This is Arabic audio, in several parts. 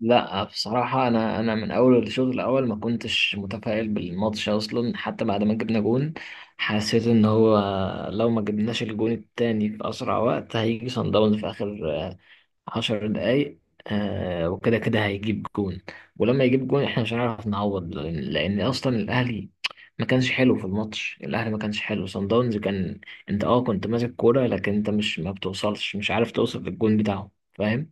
لا، بصراحة أنا من أول الشوط الأول ما كنتش متفائل بالماتش أصلا. حتى بعد ما جبنا جون حسيت إن هو لو ما جبناش الجون التاني في أسرع وقت هيجي صن داونز في آخر عشر دقايق وكده كده هيجيب جون. ولما يجيب جون إحنا مش هنعرف نعوض، لأن أصلا الأهلي ما كانش حلو في الماتش. الأهلي ما كانش حلو، صن داونز كان أنت أه كنت ماسك كورة، لكن أنت مش ما بتوصلش، مش عارف توصل للجون بتاعه، فاهم؟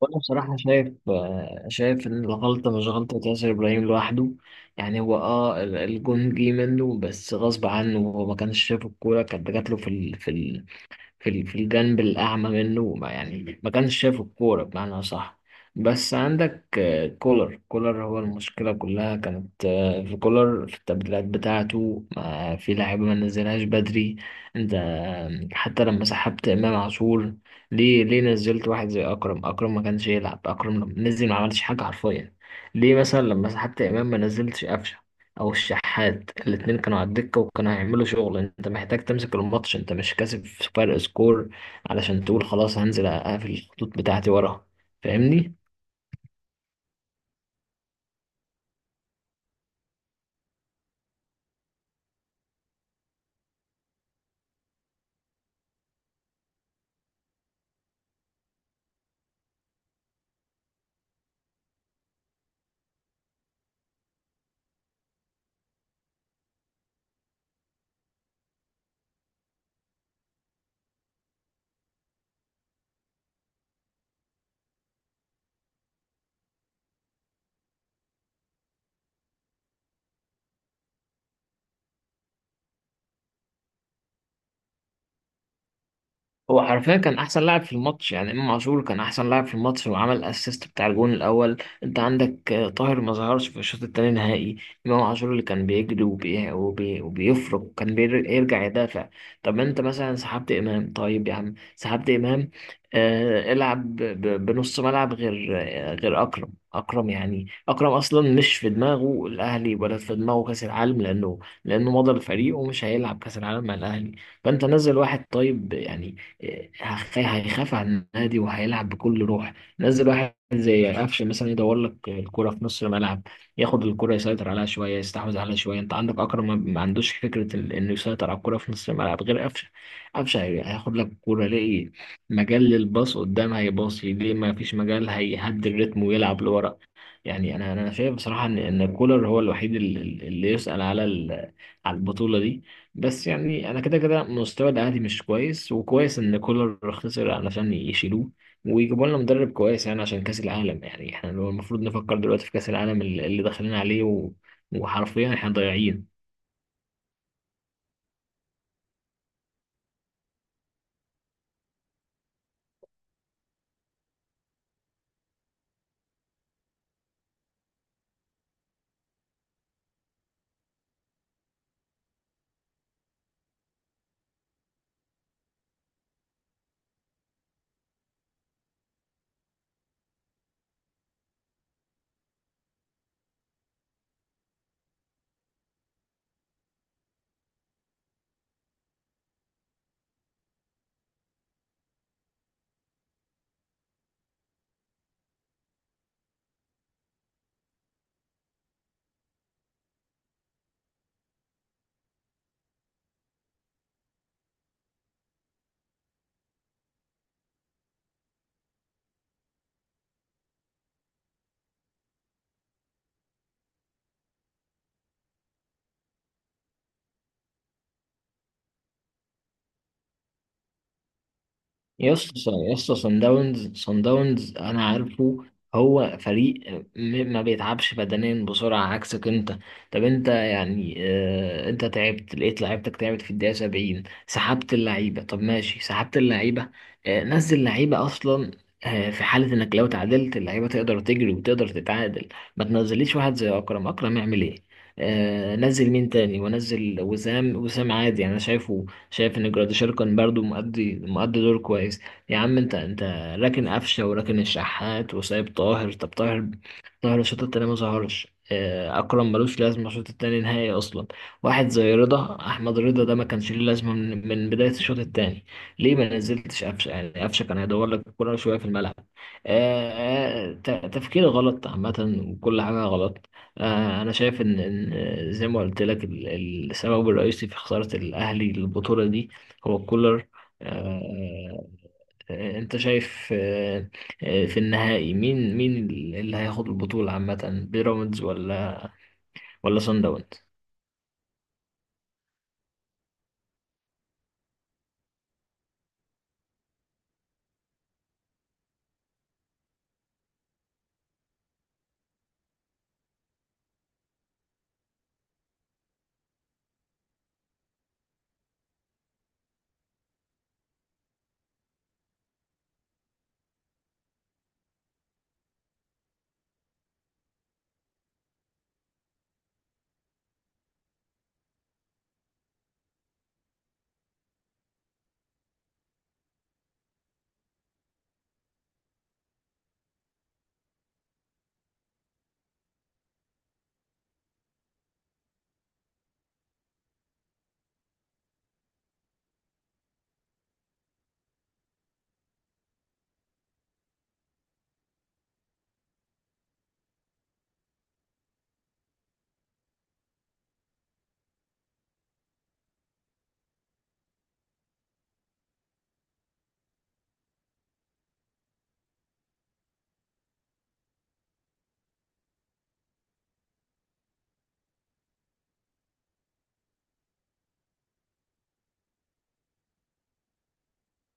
وانا بصراحة شايف شايف ان الغلطة مش غلطة ياسر ابراهيم لوحده. يعني هو اه الجون جه منه بس غصب عنه، هو ما كانش شايف الكورة، كانت جات له في الجنب الأعمى منه، ما يعني ما كانش شايف الكورة بمعنى صح. بس عندك كولر هو المشكلة، كلها كانت في كولر، في التبديلات بتاعته، ما في لعيبة ما نزلهاش بدري. انت حتى لما سحبت إمام عاشور، ليه نزلت واحد زي أكرم؟ أكرم ما كانش يلعب، أكرم لما نزل ما عملش حاجة حرفيا. ليه مثلا لما سحبت إمام ما نزلتش قفشه او الشحات؟ الاتنين كانوا على الدكة وكانوا هيعملوا شغل. انت محتاج تمسك الماتش، انت مش كاسب فرق سكور علشان تقول خلاص هنزل اقفل الخطوط بتاعتي ورا. فاهمني؟ هو حرفيا كان احسن لاعب في الماتش، يعني امام عاشور كان احسن لاعب في الماتش وعمل الاسيست بتاع الجون الاول. انت عندك طاهر ما ظهرش في الشوط التاني نهائي، امام عاشور اللي كان بيجري وبيفرق وكان بيرجع يدافع. طب انت مثلا سحبت امام، طيب يا عم سحبت امام، العب بنص ملعب غير غير اكرم. اكرم يعني اكرم اصلا مش في دماغه الاهلي ولا في دماغه كاس العالم، لانه لانه مضى لفريقه ومش هيلعب كاس العالم مع الاهلي. فانت نزل واحد طيب يعني هيخاف على النادي وهيلعب بكل روح. نزل واحد زي قفشه مثلا يدور لك الكرة في نص الملعب، ياخد الكرة يسيطر عليها شوية، يستحوذ عليها شوية. انت عندك اكرم ما عندوش فكرة انه يسيطر على الكرة في نص الملعب غير قفشه. قفشه هياخد لك الكرة، يلاقي مجال للباص قدام هيباصي، ليه ما فيش مجال هيهدي الريتم ويلعب لورا. يعني انا شايف بصراحة ان كولر هو الوحيد اللي يسأل على على البطولة دي. بس يعني انا كده كده مستوى الاهلي مش كويس، وكويس ان كولر خسر علشان يشيلوه ويجيبوا لنا مدرب كويس، يعني عشان كاس العالم. يعني احنا لو المفروض نفكر دلوقتي في كاس العالم اللي داخلين عليه وحرفيا احنا ضايعين. يا اسطى صن داونز انا عارفه، هو فريق ما بيتعبش بدنيا بسرعه عكسك انت. طب انت يعني اه انت تعبت، لقيت لعيبتك تعبت في الدقيقه 70، سحبت اللعيبه، طب ماشي سحبت اللعيبه، اه نزل لعيبه اصلا اه في حاله انك لو تعادلت اللعيبه تقدر تجري وتقدر تتعادل. ما تنزليش واحد زي اكرم، اكرم يعمل ايه؟ اه نزل مين تاني؟ ونزل وسام، وسام عادي انا شايفه، شايف ان جراديشار كان برضو مؤدي دور كويس. يا عم انت راكن قفشه وراكن الشحات وسايب طاهر. طب طاهر، طاهر الشوط التاني ما ظهرش. اكرم ملوش لازمه الشوط التاني نهائي اصلا. واحد زي رضا، احمد رضا ده ما كانش ليه لازمه من, من بدايه الشوط التاني. ليه ما نزلتش قفشه؟ يعني قفشه كان هيدور لك كل شويه في الملعب. تفكير غلط عامه وكل حاجه غلط. أنا شايف إن زي ما قلت لك السبب الرئيسي في خسارة الأهلي للبطولة دي هو كولر. آه، أنت شايف في النهائي مين اللي هياخد البطولة عامة، بيراميدز ولا ولا صن داونز؟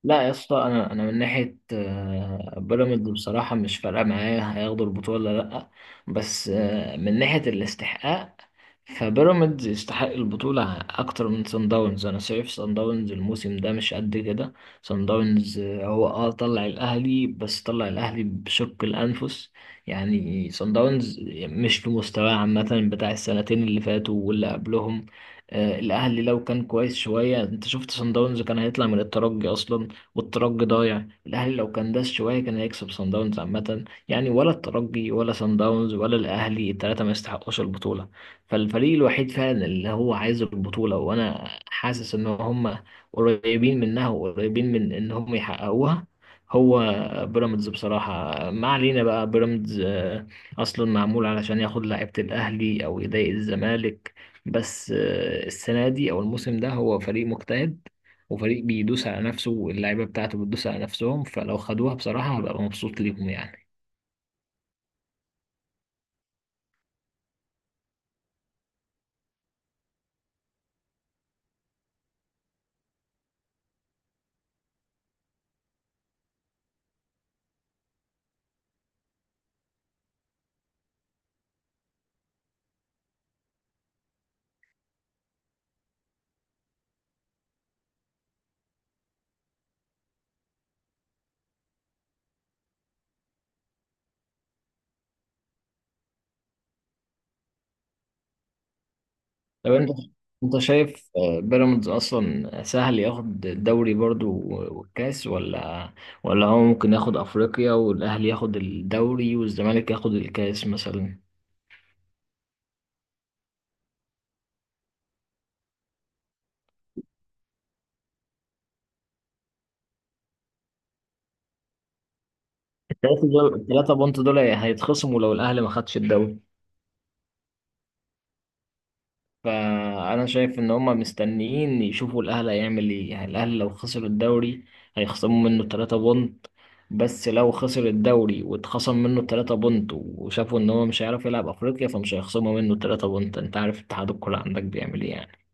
لا يا اسطى، انا من ناحيه بيراميدز بصراحه مش فارقه معايا هياخدوا البطوله ولا لا. بس من ناحيه الاستحقاق، فبيراميدز يستحق البطوله اكتر من سان داونز. انا شايف سان داونز الموسم ده مش قد كده. سان داونز هو اه طلع الاهلي بس طلع الاهلي بشق الانفس. يعني سان داونز مش في مستواه عامه بتاع السنتين اللي فاتوا واللي قبلهم. الاهلي لو كان كويس شويه انت شفت سان داونز كان هيطلع من الترجي اصلا، والترجي ضايع. الاهلي لو كان داس شويه كان هيكسب صن داونز. عامه يعني ولا الترجي ولا صن داونز ولا الاهلي الثلاثه ما يستحقوش البطوله. فالفريق الوحيد فعلا اللي هو عايز البطوله وانا حاسس ان هم قريبين منها وقريبين من ان هم يحققوها، هو بيراميدز بصراحه. ما علينا بقى، بيراميدز اصلا معمول علشان ياخد لعيبه الاهلي او يضايق الزمالك، بس السنه دي او الموسم ده هو فريق مجتهد وفريق بيدوس على نفسه واللعيبه بتاعته بتدوس على نفسهم، فلو خدوها بصراحه هبقى مبسوط ليهم يعني. طب انت شايف بيراميدز اصلا سهل ياخد الدوري برضو والكاس، ولا ولا هو ممكن ياخد افريقيا والاهلي ياخد الدوري والزمالك ياخد الكاس مثلا؟ الثلاثه دول، الثلاثه بونت دول هيتخصموا لو الاهلي ما خدش الدوري. فانا شايف ان هما مستنيين يشوفوا الاهلي هيعمل ايه. يعني الاهلي لو خسر الدوري هيخصموا منه 3 بونت، بس لو خسر الدوري واتخصم منه 3 بونت وشافوا ان هو مش هيعرف يلعب افريقيا فمش هيخصموا منه 3 بونت. انت عارف اتحاد الكوره عندك بيعمل ايه يعني.